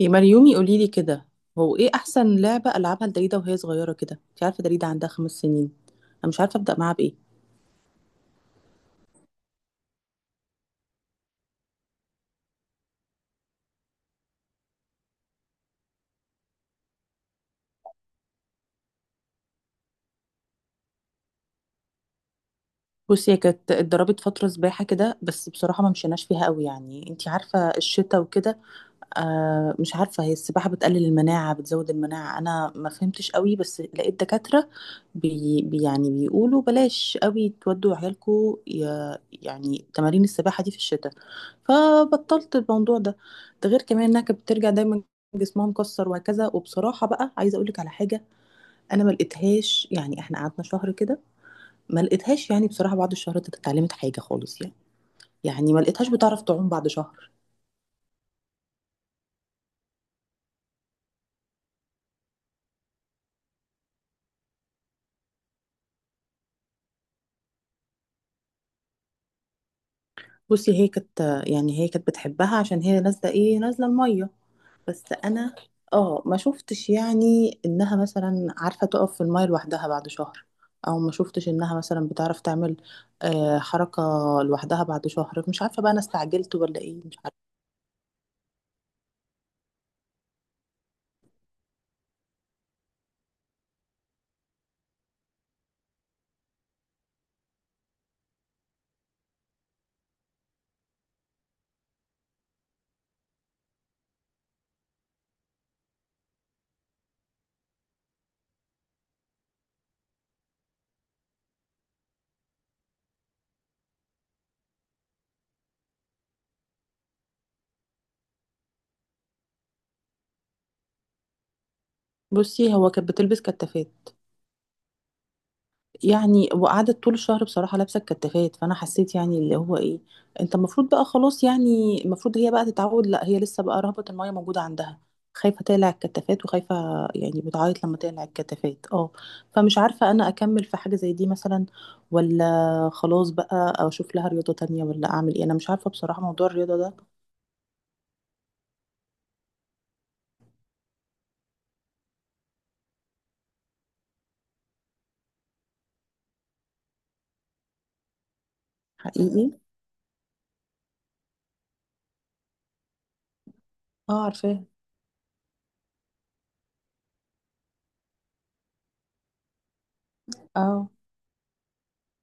يا مريومي، قولي لي كده. هو ايه احسن لعبه العبها لدريده وهي صغيره كده؟ انت عارفه دريده عندها 5 سنين، انا مش عارفه ابدا معاها بايه. بصي، هي كانت اتدربت فتره سباحه كده، بس بصراحه ما مشيناش فيها قوي، يعني انت عارفه الشتاء وكده. مش عارفة هي السباحة بتقلل المناعة بتزود المناعة، أنا ما فهمتش قوي، بس لقيت دكاترة يعني بيقولوا بلاش قوي تودوا عيالكوا، يعني تمارين السباحة دي في الشتاء. فبطلت الموضوع ده. ده غير كمان إنها كانت بترجع دايما جسمها مكسر وهكذا، وبصراحة بقى عايزة أقولك على حاجة: أنا ما لقيتهاش، يعني إحنا قعدنا شهر كده، ما لقيتهاش، يعني بصراحة بعد الشهر ده اتعلمت حاجة خالص، يعني، يعني ما لقيتهاش بتعرف تعوم بعد شهر. بصي هي كانت يعني هي كانت بتحبها عشان هي نازله الميه. بس انا اه ما شفتش، يعني انها مثلا عارفه تقف في الميه لوحدها بعد شهر، او ما شفتش انها مثلا بتعرف تعمل حركه لوحدها بعد شهر. مش عارفه بقى، انا استعجلت ولا ايه؟ مش عارفه. بصي، هو كانت بتلبس كتافات، يعني وقعدت طول الشهر بصراحة لابسة الكتافات، فأنا حسيت يعني اللي هو إيه، أنت المفروض بقى خلاص، يعني المفروض هي بقى تتعود. لا، هي لسه بقى رهبة المية موجودة عندها، خايفة تقلع الكتافات وخايفة، يعني بتعيط لما تقلع الكتافات، اه. فمش عارفة أنا أكمل في حاجة زي دي مثلا، ولا خلاص بقى، أو أشوف لها رياضة تانية، ولا أعمل إيه؟ أنا مش عارفة بصراحة موضوع الرياضة ده. حقيقي. اه، عارفاه. اه.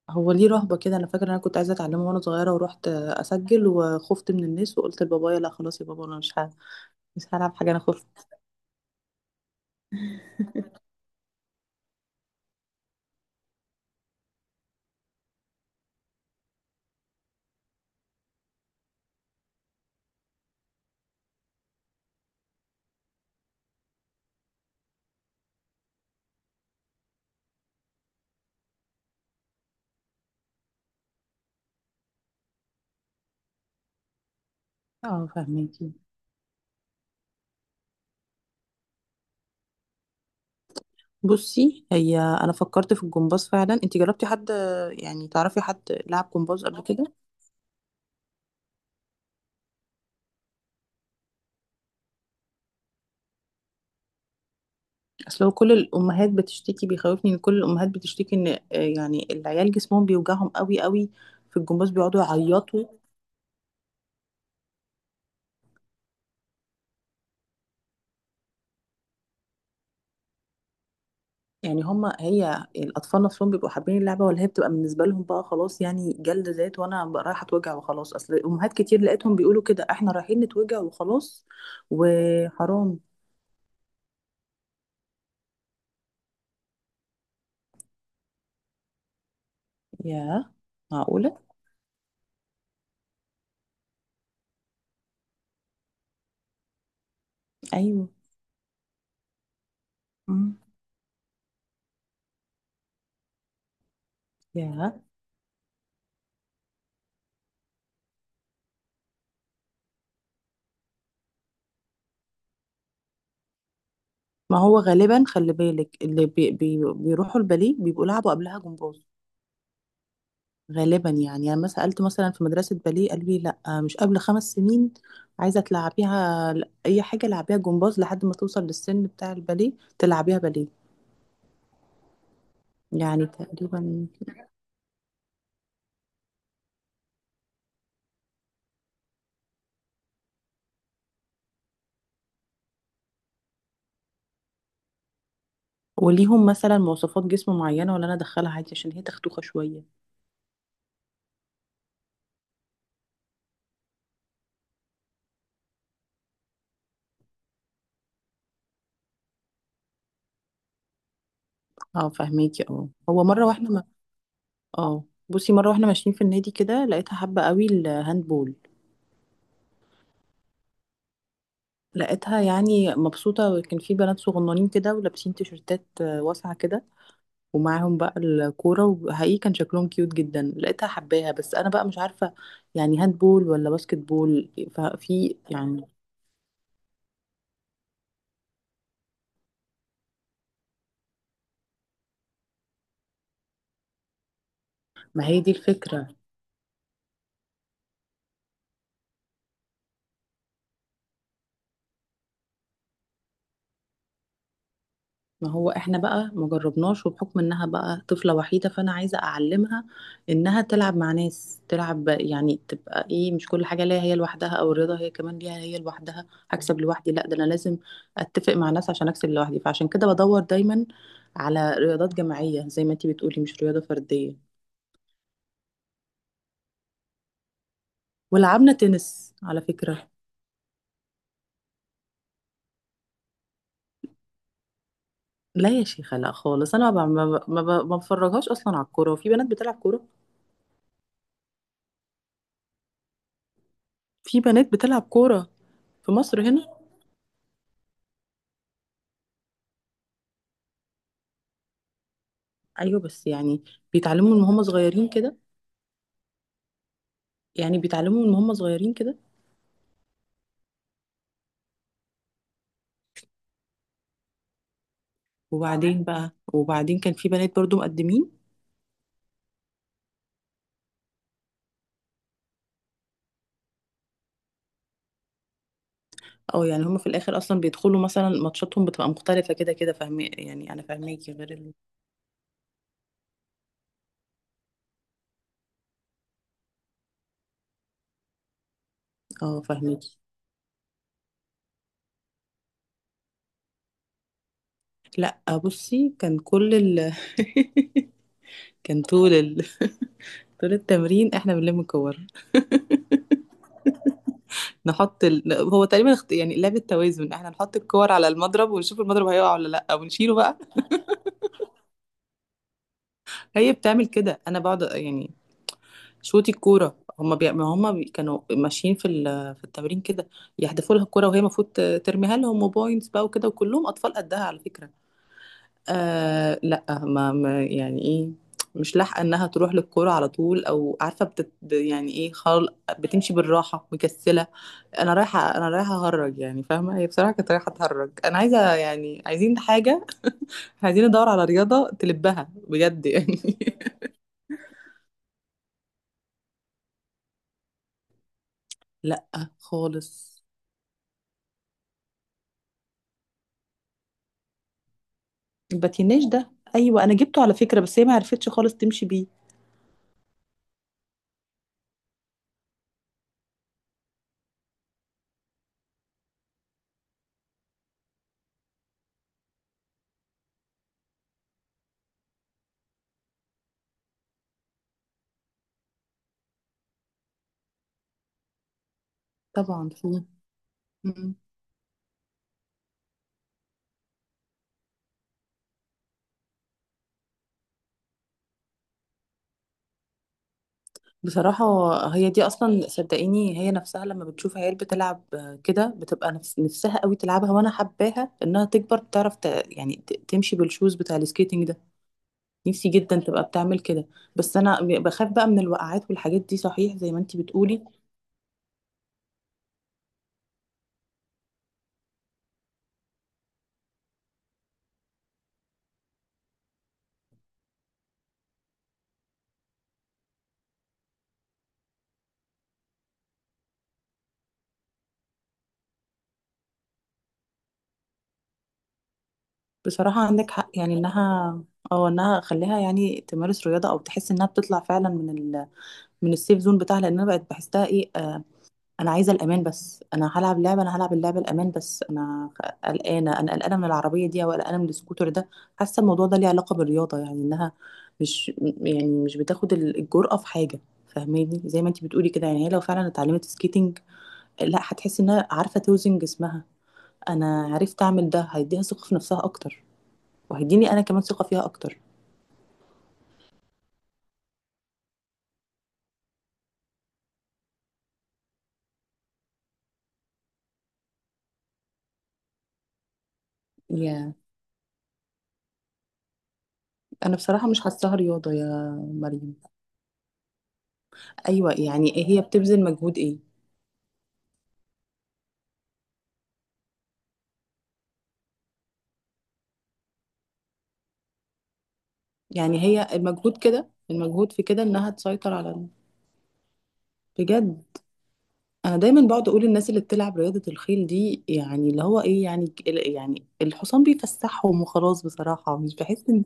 هو ليه رهبة كده؟ أنا فاكرة أنا كنت عايزة أتعلمه وأنا صغيرة، ورحت أسجل وخفت من الناس، وقلت لبابايا لا خلاص يا بابا أنا مش هعمل، مش هلعب حاجة، انا خفت. اه، فهميكي. بصي، هي انا فكرت في الجمباز فعلا، انت جربتي حد؟ يعني تعرفي حد لعب جمباز قبل كده؟ اصل هو كل الامهات بتشتكي، بيخوفني ان كل الامهات بتشتكي ان يعني العيال جسمهم بيوجعهم قوي قوي في الجمباز، بيقعدوا يعيطوا. يعني هما هي الاطفال نفسهم بيبقوا حابين اللعبه، ولا هي بتبقى بالنسبه لهم بقى خلاص، يعني جلد ذات، وانا بقى رايحه اتوجع وخلاص؟ اصل امهات كتير لقيتهم بيقولوا كده، احنا رايحين نتوجع وخلاص، وحرام. ياه. معقوله. ايوه. امم. ياه. ما هو غالبا خلي بالك، اللي بي بي بيروحوا الباليه بيبقوا لعبوا قبلها جمباز غالبا. يعني انا ما سالت مثلا في مدرسه باليه، قالوا لي لا مش قبل 5 سنين، عايزه تلعبيها، اي حاجه لعبيها جمباز لحد ما توصل للسن بتاع الباليه، تلعبيها باليه. يعني تقريبا، وليهم مثلا مواصفات جسم معينه، ولا انا ادخلها عادي عشان هي تختوخه شويه؟ اه، فهميكي. اه هو مره واحنا ما اه، بصي مره واحنا ماشيين في النادي كده، لقيتها حابه قوي الهاندبول. لقيتها يعني مبسوطة، وكان في بنات صغننين كده ولابسين تيشرتات واسعة كده، ومعاهم بقى الكورة، وحقيقي كان شكلهم كيوت جدا. لقيتها حباها، بس أنا بقى مش عارفة يعني هاند بول ولا باسكت بول؟ ففي يعني، ما هي دي الفكرة. ما هو احنا بقى ما جربناش، وبحكم انها بقى طفلة وحيدة، فانا عايزة اعلمها انها تلعب مع ناس، تلعب يعني تبقى ايه، مش كل حاجة ليها هي لوحدها، او الرياضة هي كمان ليها هي لوحدها، هكسب لوحدي، لا، ده انا لازم اتفق مع ناس عشان اكسب لوحدي. فعشان كده بدور دايما على رياضات جماعية زي ما انتي بتقولي، مش رياضة فردية. ولعبنا تنس على فكرة. لا يا شيخة، لا خالص، انا ما بفرجهاش اصلا على الكورة. وفي بنات بتلعب كورة، في بنات بتلعب كورة في مصر هنا. ايوه، بس يعني بيتعلموا من هم صغيرين كده، يعني بيتعلموا من هم صغيرين كده. وبعدين بقى، وبعدين كان في بنات برضو مقدمين. اه، يعني هم في الاخر اصلا بيدخلوا، مثلا ماتشاتهم بتبقى مختلفه كده كده، فاهمه، يعني انا فاهماكي غير ال... اه، فاهماكي. لا، بصي كان كل ال... كان طول ال... طول التمرين احنا بنلم الكور، نحط ال... هو تقريبا يعني لعبة توازن، احنا نحط الكور على المضرب ونشوف المضرب هيقع ولا لا، ونشيله بقى. هي بتعمل كده انا بقعد يعني شوطي الكوره، هما بي... ما هما بي... كانوا ماشيين في ال... في التمرين كده يحدفوا لها الكوره، وهي المفروض ترميها لهم، وبوينتس بقى وكده. وكلهم اطفال قدها على فكره. لا، ما... ما يعني ايه، مش لاحقه انها تروح للكوره على طول، او عارفه يعني ايه بتمشي بالراحه، مكسله، انا رايحه، اهرج. يعني فاهمه، هي بصراحه كانت رايحه تهرج، انا عايزه، يعني عايزين حاجه، عايزين ندور على رياضه تلبها بجد يعني. لا خالص. الباتيناج ده، ايوه انا جبته على فكره، بس هي ما عرفتش خالص تمشي بيه. طبعا في. مم. بصراحة هي دي أصلا، صدقيني هي نفسها لما بتشوف عيال بتلعب كده بتبقى نفس نفسها قوي تلعبها. وأنا حباها إنها تكبر تعرف يعني تمشي بالشوز بتاع السكيتنج ده. نفسي جدا تبقى بتعمل كده. بس أنا بخاف بقى من الوقعات والحاجات دي، صحيح زي ما أنتي بتقولي. بصراحة عندك حق، يعني إنها، أو إنها أخليها يعني تمارس رياضة، أو تحس إنها بتطلع فعلا من ال... من السيف زون بتاعها، لأن أنا بقت بحسها إيه انا عايزه الامان. بس انا هلعب لعبه، انا هلعب اللعبه الامان، بس انا قلقانه، من العربيه دي، او قلقانه من السكوتر ده. حاسه الموضوع ده ليه علاقه بالرياضه، يعني انها مش يعني مش بتاخد الجرأه في حاجه. فاهماني، زي ما انتي بتقولي كده، يعني هي لو فعلا اتعلمت سكيتنج، لا هتحس انها عارفه توزن جسمها، انا عرفت اعمل ده، هيديها ثقه في نفسها اكتر، وهيديني انا كمان ثقه فيها اكتر. يا انا بصراحه مش حاساها رياضه يا مريم. ايوه، يعني ايه هي بتبذل مجهود ايه؟ يعني هي المجهود كده، المجهود في كده انها تسيطر على بجد. انا دايما بقعد اقول الناس اللي بتلعب رياضة الخيل دي، يعني اللي هو ايه، يعني يعني الحصان بيفسحهم وخلاص، بصراحة مش بحس ان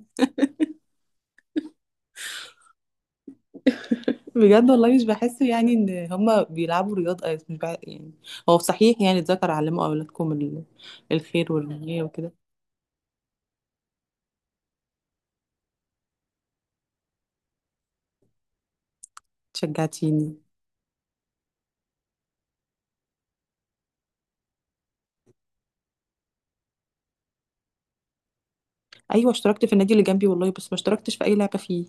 بجد، والله مش بحس يعني ان هما بيلعبوا رياضة، مش يعني. هو صحيح يعني، اتذكر علموا اولادكم ال... الخير والرماية وكده. شجعتيني. ايوه، اشتركت في النادي اللي جنبي والله، بس ما اشتركتش في اي لعبة فيه.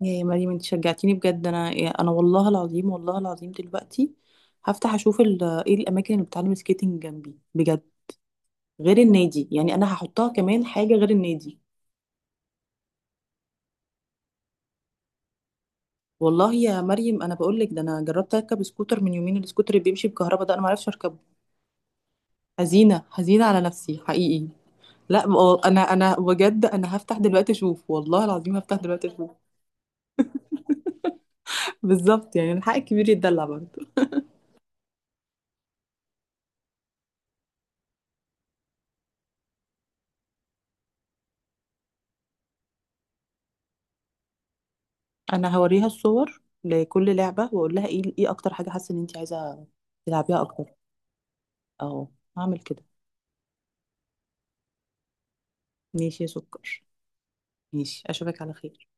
يا مريم، انت شجعتيني بجد. انا، انا والله العظيم، والله العظيم دلوقتي هفتح اشوف ايه الاماكن اللي بتعلم سكيتنج جنبي بجد، غير النادي. يعني انا هحطها كمان حاجه غير النادي. والله يا مريم، انا بقول لك ده انا جربت اركب سكوتر من يومين، السكوتر اللي بيمشي بكهرباء ده انا ما اعرفش اركبه. حزينه حزينه على نفسي حقيقي. لا، انا بجد انا هفتح دلوقتي اشوف، والله العظيم هفتح دلوقتي اشوف. بالظبط، يعني الحق الكبير يتدلع برضه. انا هوريها الصور لكل لعبه، واقول لها ايه اكتر حاجه حاسه ان انت عايزه تلعبيها اكتر. اهو، هعمل كده. ماشي يا سكر. ماشي، اشوفك على خير.